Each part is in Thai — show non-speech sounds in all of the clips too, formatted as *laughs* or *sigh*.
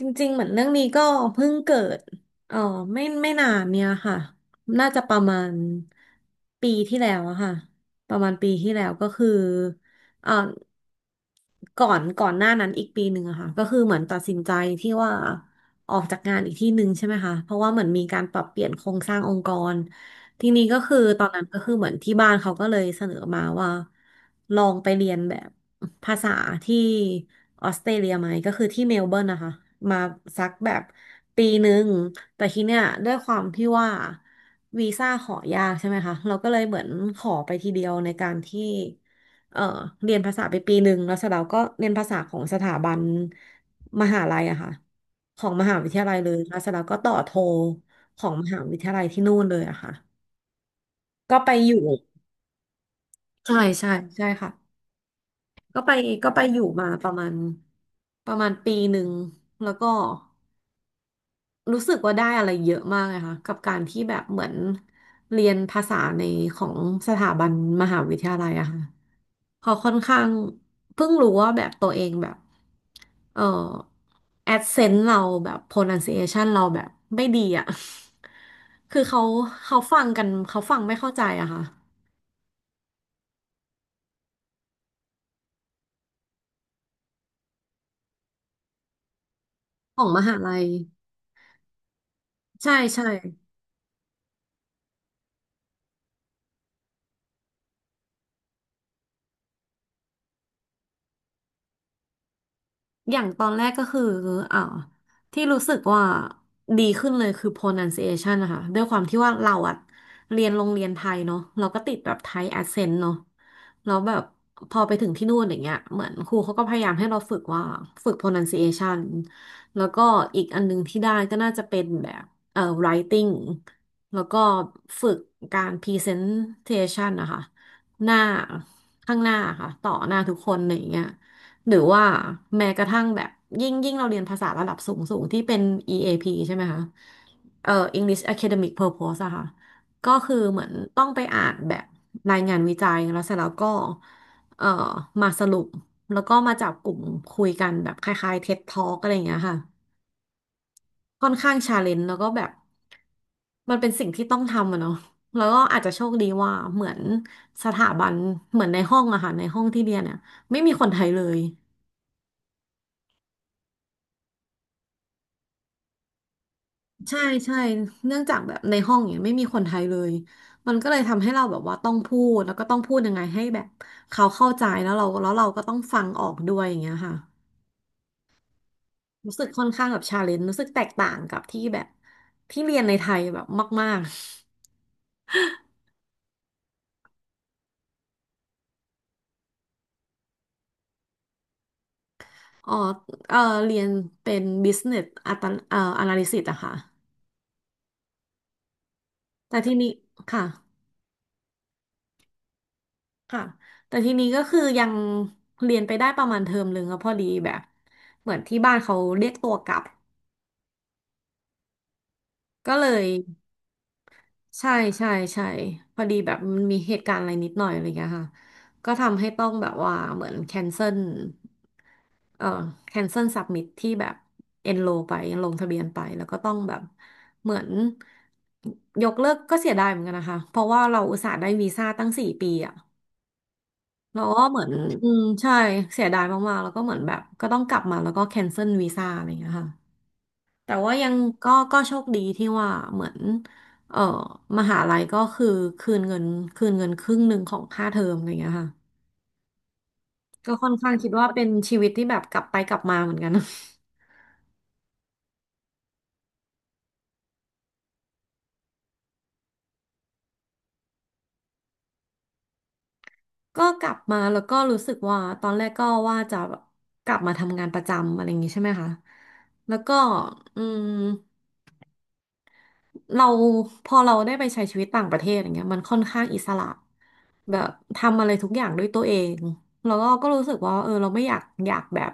จริงๆ เหมือนเรื่องนี้ก็เพิ่งเกิดเออไม่นานเนี่ยค่ะน่าจะประมาณปีที่แล้วอะค่ะประมาณปีที่แล้วก็คือเออก่อนหน้านั้นอีกปีหนึ่งอะค่ะก็คือเหมือนตัดสินใจที่ว่าออกจากงานอีกที่หนึ่งใช่ไหมคะเพราะว่าเหมือนมีการปรับเปลี่ยนโครงสร้างองค์กรทีนี้ก็คือตอนนั้นก็คือเหมือนที่บ้านเขาก็เลยเสนอมาว่าลองไปเรียนแบบ ภาษาที่ออสเตรเลียไหมก็คือที่เมลเบิร์นนะคะมาสักแบบปีหนึ่งแต่ทีเนี้ยด้วยความที่ว่าวีซ่าขอยากใช่ไหมคะเราก็เลยเหมือนขอไปทีเดียวในการที่เอ่อเรียนภาษาไปปีหนึ่งแล้วเสร็จแล้วก็เรียนภาษาของสถาบันมหาลัยอะค่ะของมหาวิทยาลัยเลยแล้วเสร็จแล้วก็ต่อโทของมหาวิทยาลัยที่นู่นเลยอะค่ะก็ไปอยู่ใช่ใช่ใช่ค่ะ ก็ไปก็ไปอยู่มาประมาณประมาณปีหนึ่งแล้วก็รู้สึกว่าได้อะไรเยอะมากเลยค่ะกับการที่แบบเหมือนเรียนภาษาในของสถาบันมหาวิทยาลัยอะค่ะพอค่อนข้างเพิ่งรู้ว่าแบบตัวเองแบบเออแอดเซนต์เราแบบ pronunciation เราแบบไม่ดีอะ *laughs* คือเขาฟังกันเขาฟังไม่เข้าใจอะค่ะของมหาลัยใช่ใช่ อย่างตอนแรกก็คืออ่าที่รู้สึกว่าดีขึ้นเลยคือ pronunciation นะคะ ด้วยความที่ว่าเราอะเรียนโรงเรียนไทยเนาะเราก็ติดแบบไทย accent เนาะแล้วแบบพอไปถึงที่นู่นอย่างเงี้ยเหมือนครูเขาก็พยายามให้เราฝึกว่าฝึก pronunciation แล้วก็อีกอันนึงที่ได้ก็น่าจะเป็นแบบwriting แล้วก็ฝึกการ presentation นะคะ หน้าข้างหน้าค่ะต่อหน้าทุกคนอะไรอย่างเงี้ย หรือว่าแม้กระทั่งแบบยิ่งเราเรียนภาษาระดับสูงที่เป็น EAP ใช่ไหมคะเอ่อ English Academic Purpose อะค่ะก็คือเหมือนต้องไปอ่านแบบรายงานวิจัยแล้วเสร็จแล้วก็เอ่อมาสรุปแล้วก็มาจับกลุ่มคุยกันแบบคล้ายๆ TED Talk อะไรอย่างเงี้ยค่ะค่อนข้างชาเลนจ์แล้วก็แบบมันเป็นสิ่งที่ต้องทำอะเนาะแล้วก็อาจจะโชคดีว่าเหมือนสถาบันเหมือนในห้องอะค่ะในห้องที่เรียนเนี่ยไม่มีคนไทยเลย ใช่ใช่เนื่องจากแบบในห้องเนี่ยไม่มีคนไทยเลย มันก็เลยทำให้เราแบบว่าต้องพูดแล้วก็ต้องพูดยังไงให้แบบเขาเข้าใจแล้วเราก็ต้องฟังออกด้วยอย่างเงี้ยค่ะรู้สึกค่อนข้างแบบชาเลนจ์รู้สึกแตกต่างกับที่แบบที่เรียนในไทยแบบมากๆ *laughs* อ๋อเออเรียนเป็น business อัตanalysis อะค่ะ แต่ทีนี้ค่ะค่ะแต่ทีนี้ก็คือยังเรียนไปได้ประมาณเทอมหนึ่งแล้วพอดีแบบเหมือนที่บ้านเขาเรียกตัวกลับก็เลย ใช่ใช่ใช่พอดีแบบมันมีเหตุการณ์อะไรนิดหน่อยอะไรเงี้ยค่ะก็ทำให้ต้องแบบว่าเหมือนแคนเซิลเอ่อแคนเซิลสับมิทที่แบบเอนโรไปลงทะเบียนไปแล้วก็ต้องแบบเหมือนยกเลิกก็เสียดายเหมือนกันนะคะเพราะว่าเราอุตส่าห์ได้วีซ่าตั้งสี่ปีอะเราก็เหมือน *laughs* อืมใช่เสียดายมากๆแล้วก็เหมือนแบบก็ต้องกลับมาแล้วก็แคนเซิลวีซ่าอะไรเงี้ยค่ะ แต่ว่ายังก็โชคดีที่ว่าเหมือนเออมหาลัยก็คือคืนเงินคืนเงินครึ่งหนึ่งของค่าเทอมอะไรอย่างเงี้ยค่ะก็ค่อนข้างคิดว่าเป็นชีวิตที่แบบกลับไปกลับมาเหมือนกัน *laughs* ก็กลับมาแล้วก็รู้สึกว่าตอนแรกก็ว่าจะกลับมาทำงานประจำอะไรอย่างงี้ใช่ไหมคะแล้วก็อืมเราพอเราได้ไปใช้ชีวิตต่างประเทศอย่างเงี้ยมันค่อนข้างอิสระ แบบทำอะไรทุกอย่างด้วยตัวเองแล้วก็รู้สึกว่าเออเราไม่อยากแบบ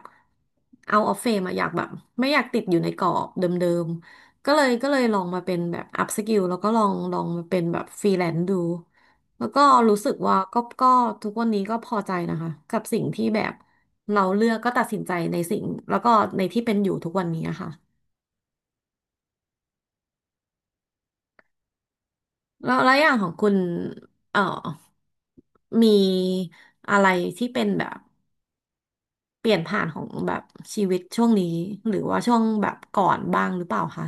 เอาออฟเฟมอะอยากแบบไม่อยากติดอยู่ในกรอบเดิมๆก็เลยลองมาเป็นแบบอัพสกิลแล้วก็ลองมาเป็นแบบฟรีแลนซ์ดูแล้วก็รู้สึกว่าก็ทุกวันนี้ก็พอใจนะคะกับสิ่งที่แบบเราเลือกก็ตัดสินใจในสิ่งแล้วก็ในที่เป็นอยู่ทุกวันนี้อะค่ะแล้วอย่างของคุณเอ่อมีอะไรที่เป็นแบบ เปลี่ยนผ่านของแบบชีวิตช่วงนี้หรือว่าช่วงแบบก่อนบ้างหรือเปล่าคะ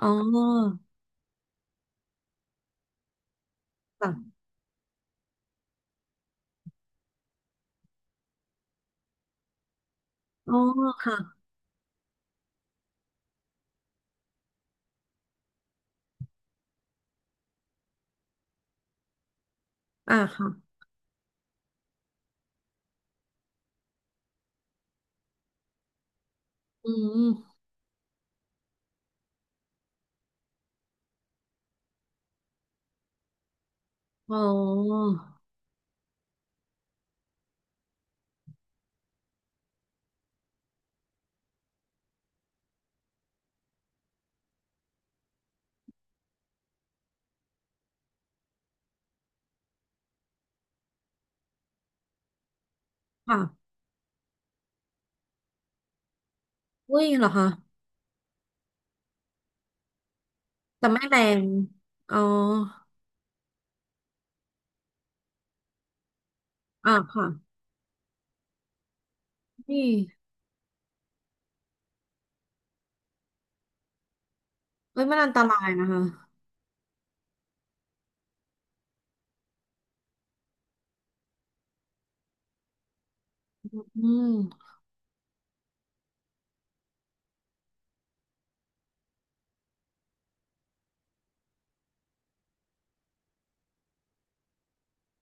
อ๋อค่ะอ๋อค่ะอ่าค่ะอืมอ๋อค่ะอุ้ยเหรอคะแต่ไม่แรงอ๋ออ่าค่ะนี่เอ้ยมันอันตรายนะคะอืม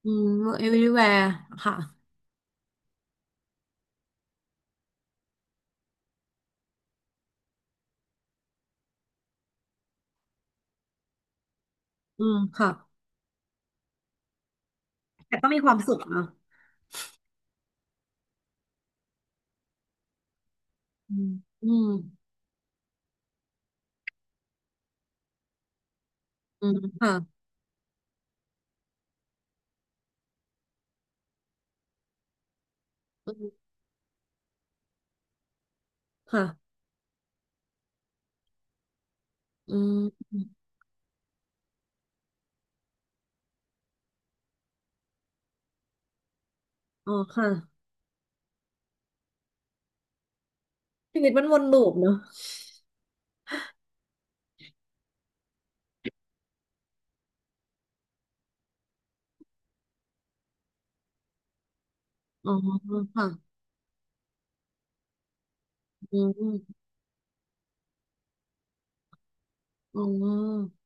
อืม everywhere ค่ะอืมค่ะแต่ก็มีความสุขนะอืมอืมอืมค่ะอืมค่ะอืมอ๋อค่ะชีวิตมันวนลูปเนอะ อ๋อค่ะอืมอืม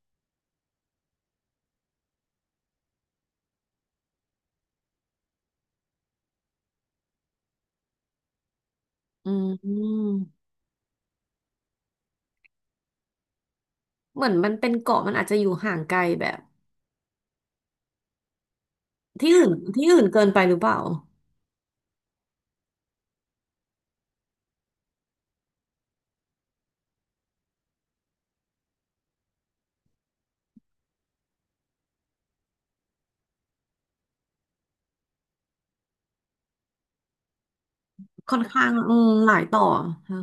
อืมเหมือนมันเป็นเกาะมันอาจจะอยู่ห่างไกลแบบที่อื่นเกินไปหรือเปล่าค่อนข้างอืมหลายต่อค่ะ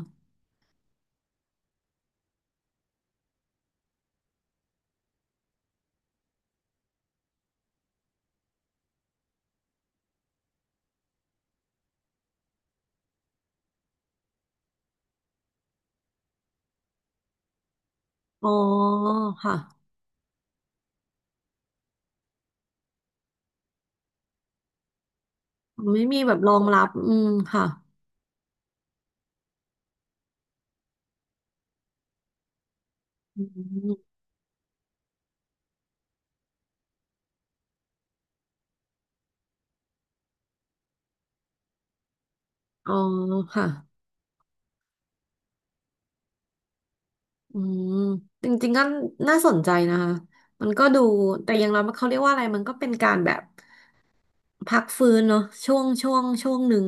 อ๋อค่ะไม่มีแบบรองรับอืมค่ะอืมอ๋อค่ะอืมจริงๆก็น่าสนใจนะคะมันก็ดูแต่อย่างเราเขาเรียกว่าอะไรมันก็เป็นการแบบพักฟื้นเนาะช่วงหนึ่ง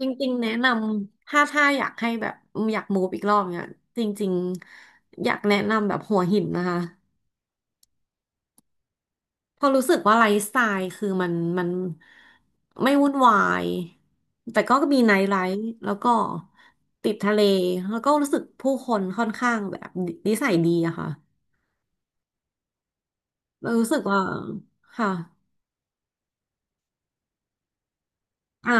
จริงๆแนะนำถ้าอยากให้แบบอยากมูฟอีกรอบเนี่ยจริงๆอยากแนะนำแบบหัวหินนะคะเพอราะรู้สึกว่าไลฟ์สไตล์คือมันไม่วุ่นวายแต่ก็มีไนท์ไลฟ์แล้วก็ติดทะเลแล้วก็รู้สึกผู้คนค่อนข้างแบบนิสัยดีอะค่ะเรารู้สึกว่าค่ะอ่ะ